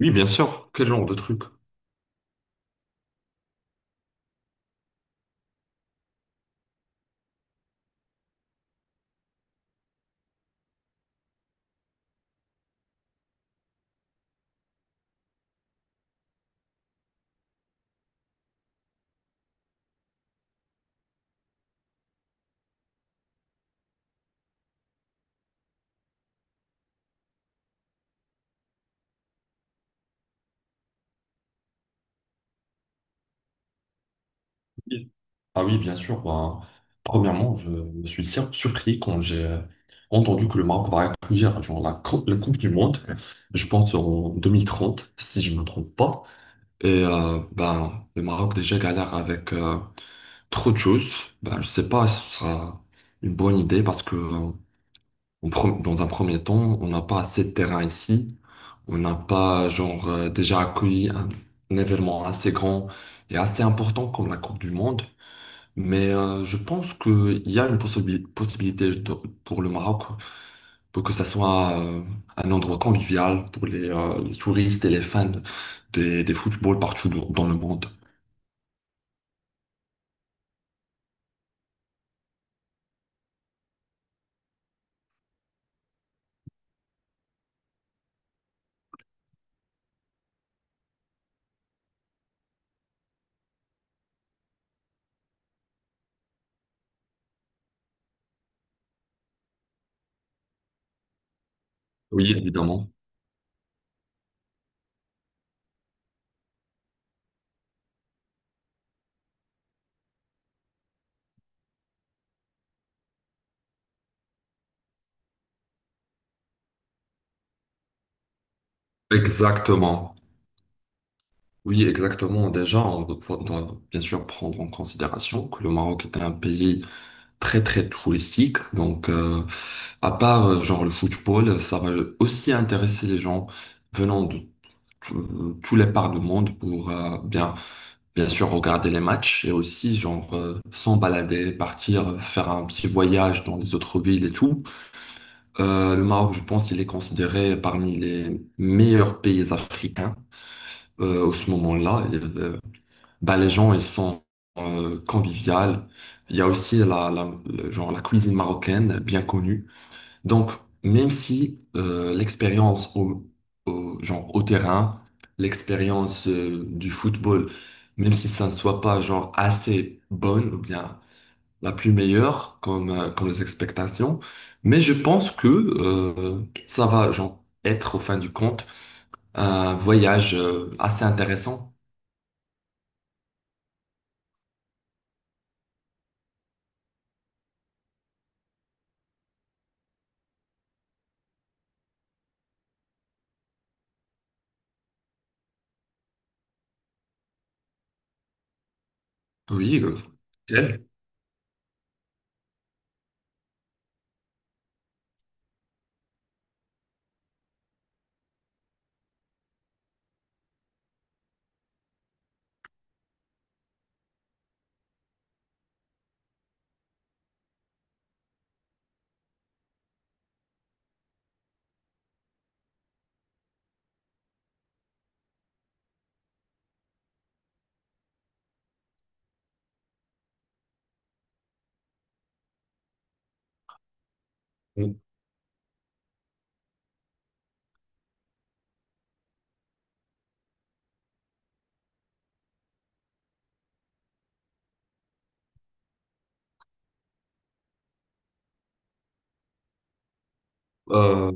Oui, bien sûr. Quel genre de truc? Oui. Ah oui, bien sûr. Ben, premièrement, je me suis sur- surpris quand j'ai entendu que le Maroc va accueillir genre, la Coupe du Monde, je pense en 2030, si je ne me trompe pas. Et ben, le Maroc déjà galère avec trop de choses. Ben, je ne sais pas si ce sera une bonne idée parce que Dans un premier temps, on n'a pas assez de terrain ici. On n'a pas, déjà accueilli un événement assez grand et assez important comme la Coupe du Monde. Mais je pense qu'il y a une possibilité pour le Maroc pour que ça soit un endroit convivial pour les touristes et les fans des footballs partout dans le monde. Oui, évidemment. Exactement. Oui, exactement. Déjà, doit bien sûr prendre en considération que le Maroc est un pays très très touristique. Donc, à part genre le football, ça va aussi intéresser les gens venant de tous les parts du monde pour bien sûr regarder les matchs et aussi genre s'en balader, partir, faire un petit voyage dans les autres villes et tout. Le Maroc, je pense, il est considéré parmi les meilleurs pays africains. Au ce moment-là, bah, les gens, ils sont conviviales. Il y a aussi genre, la cuisine marocaine, bien connue. Donc, même si l'expérience genre, au terrain, l'expérience du football, même si ça ne soit pas genre, assez bonne ou bien la plus meilleure comme, comme les expectations, mais je pense que ça va genre, être, au fin du compte, un voyage assez intéressant. Oui, nickel. Euh,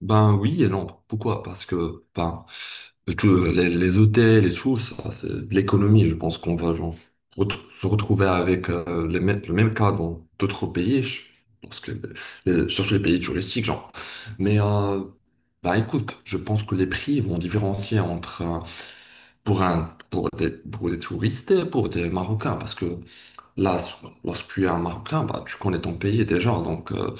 ben oui et non. Pourquoi? Parce que ben, les hôtels et tout, ça, c'est de l'économie. Je pense qu'on va genre, se retrouver avec le même cas dans d'autres pays, parce que surtout les pays touristiques, genre. Mais ben, écoute, je pense que les prix vont différencier pour pour des touristes et pour des Marocains, parce que là, s- lorsque tu es un Marocain, bah, tu connais ton pays déjà, donc.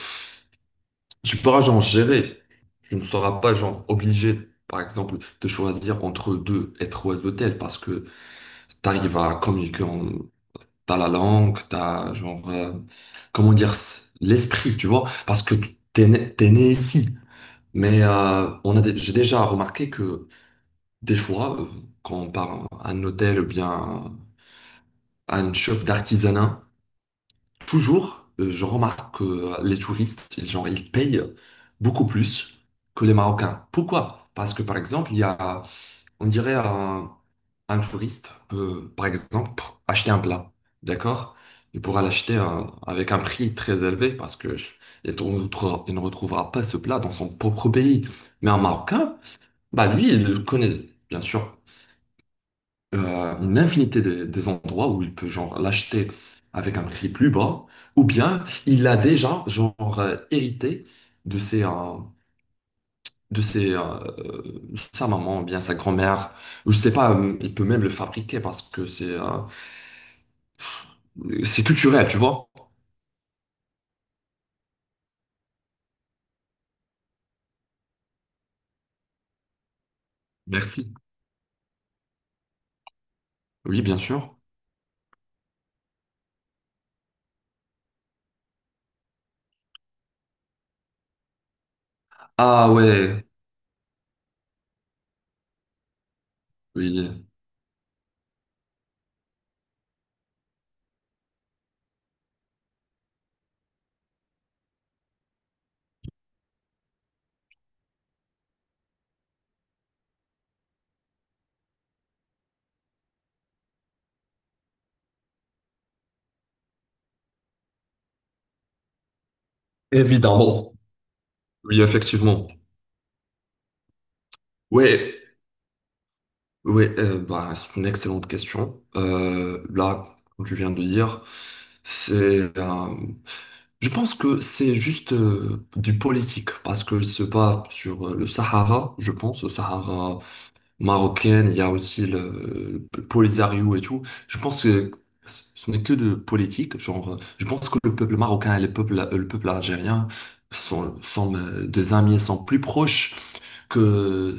Tu pourras genre gérer. Tu ne seras pas genre obligé, par exemple, de choisir entre deux être oiseau tel parce que tu arrives à communiquer, en... t'as la langue, t'as genre, comment dire, l'esprit, tu vois, parce que t'es né ici. Mais j'ai déjà remarqué que des fois, quand on part à un hôtel ou bien à une shop d'artisanat, toujours, je remarque que les touristes, ils, genre, ils payent beaucoup plus que les Marocains. Pourquoi? Parce que, par exemple, il y a, on dirait, un touriste peut, par exemple, acheter un plat, d'accord? Il pourra l'acheter avec un prix très élevé parce que il ne il ne retrouvera pas ce plat dans son propre pays. Mais un Marocain, bah lui, il le connaît, bien sûr une infinité des endroits où il peut genre l'acheter avec un prix plus bas, ou bien il a déjà genre hérité de ses, euh, de ses, euh, euh, sa maman, ou bien sa grand-mère, ou je sais pas, il peut même le fabriquer parce que c'est culturel, tu vois. Merci. Oui, bien sûr. Ah ouais, oui, évidemment. Oui, effectivement. Ouais, oui, bah, c'est une excellente question. Là, comme tu viens de dire, c'est, euh, je pense que c'est juste du politique parce que se bat sur le Sahara, je pense, le Sahara marocain, il y a aussi le Polisario et tout. Je pense que ce n'est que de politique. Genre, je pense que le peuple marocain et le peuple algérien sont des amis, sont plus proches que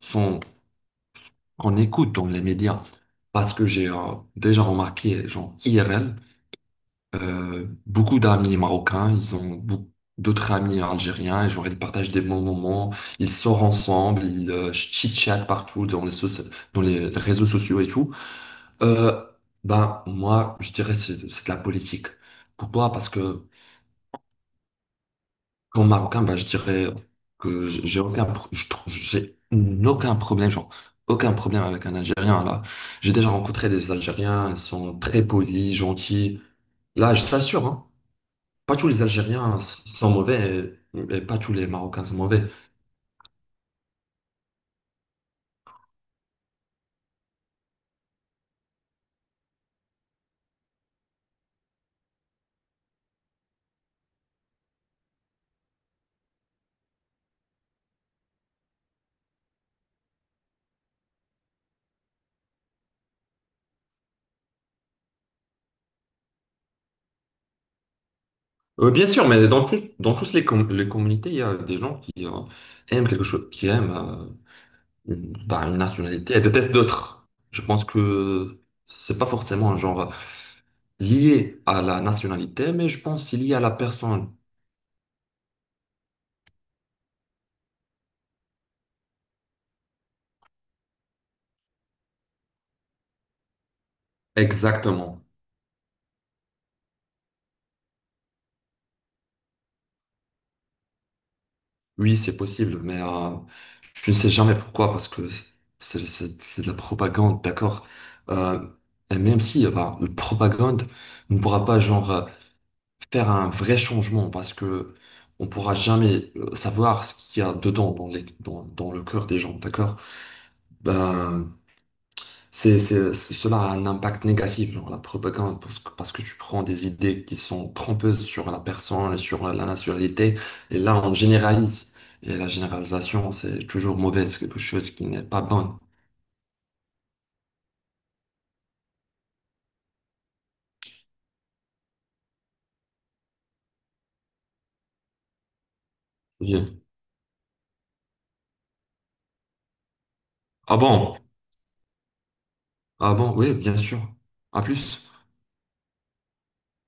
sont on écoute dans les médias. Parce que j'ai déjà remarqué, genre IRL, beaucoup d'amis marocains, ils ont beaucoup d'autres amis algériens, et genre ils partagent des bons moments, ils sortent ensemble, ils chit-chatent partout dans les réseaux sociaux et tout. Euh, ben, moi, je dirais c'est de la politique. Pourquoi? Parce que comme Marocain, bah, je dirais que j'ai aucun, pro- je trouve- j'ai aucun problème, genre, aucun problème avec un Algérien, là. J'ai déjà rencontré des Algériens, ils sont très polis, gentils. Là, je t'assure, hein, pas tous les Algériens sont mauvais et pas tous les Marocains sont mauvais. Bien sûr, mais dans tous les communautés, il y a des gens qui aiment quelque chose, qui aiment une nationalité et détestent d'autres. Je pense que c'est pas forcément un genre lié à la nationalité, mais je pense c'est lié à la personne. Exactement. Oui, c'est possible, mais je ne sais jamais pourquoi, parce que c'est de la propagande, d'accord? Euh, et même si, bah, la propagande ne pourra pas, genre, faire un vrai changement, parce que on pourra jamais savoir ce qu'il y a dedans, dans le cœur des gens, d'accord? Ben, cela a un impact négatif, genre la propagande, parce que tu prends des idées qui sont trompeuses sur la personne et sur la nationalité, et là, on généralise. Et la généralisation, c'est toujours mauvais, c'est quelque chose qui n'est pas bon. Bien. Ah bon? Ah bon? Oui, bien sûr. À plus.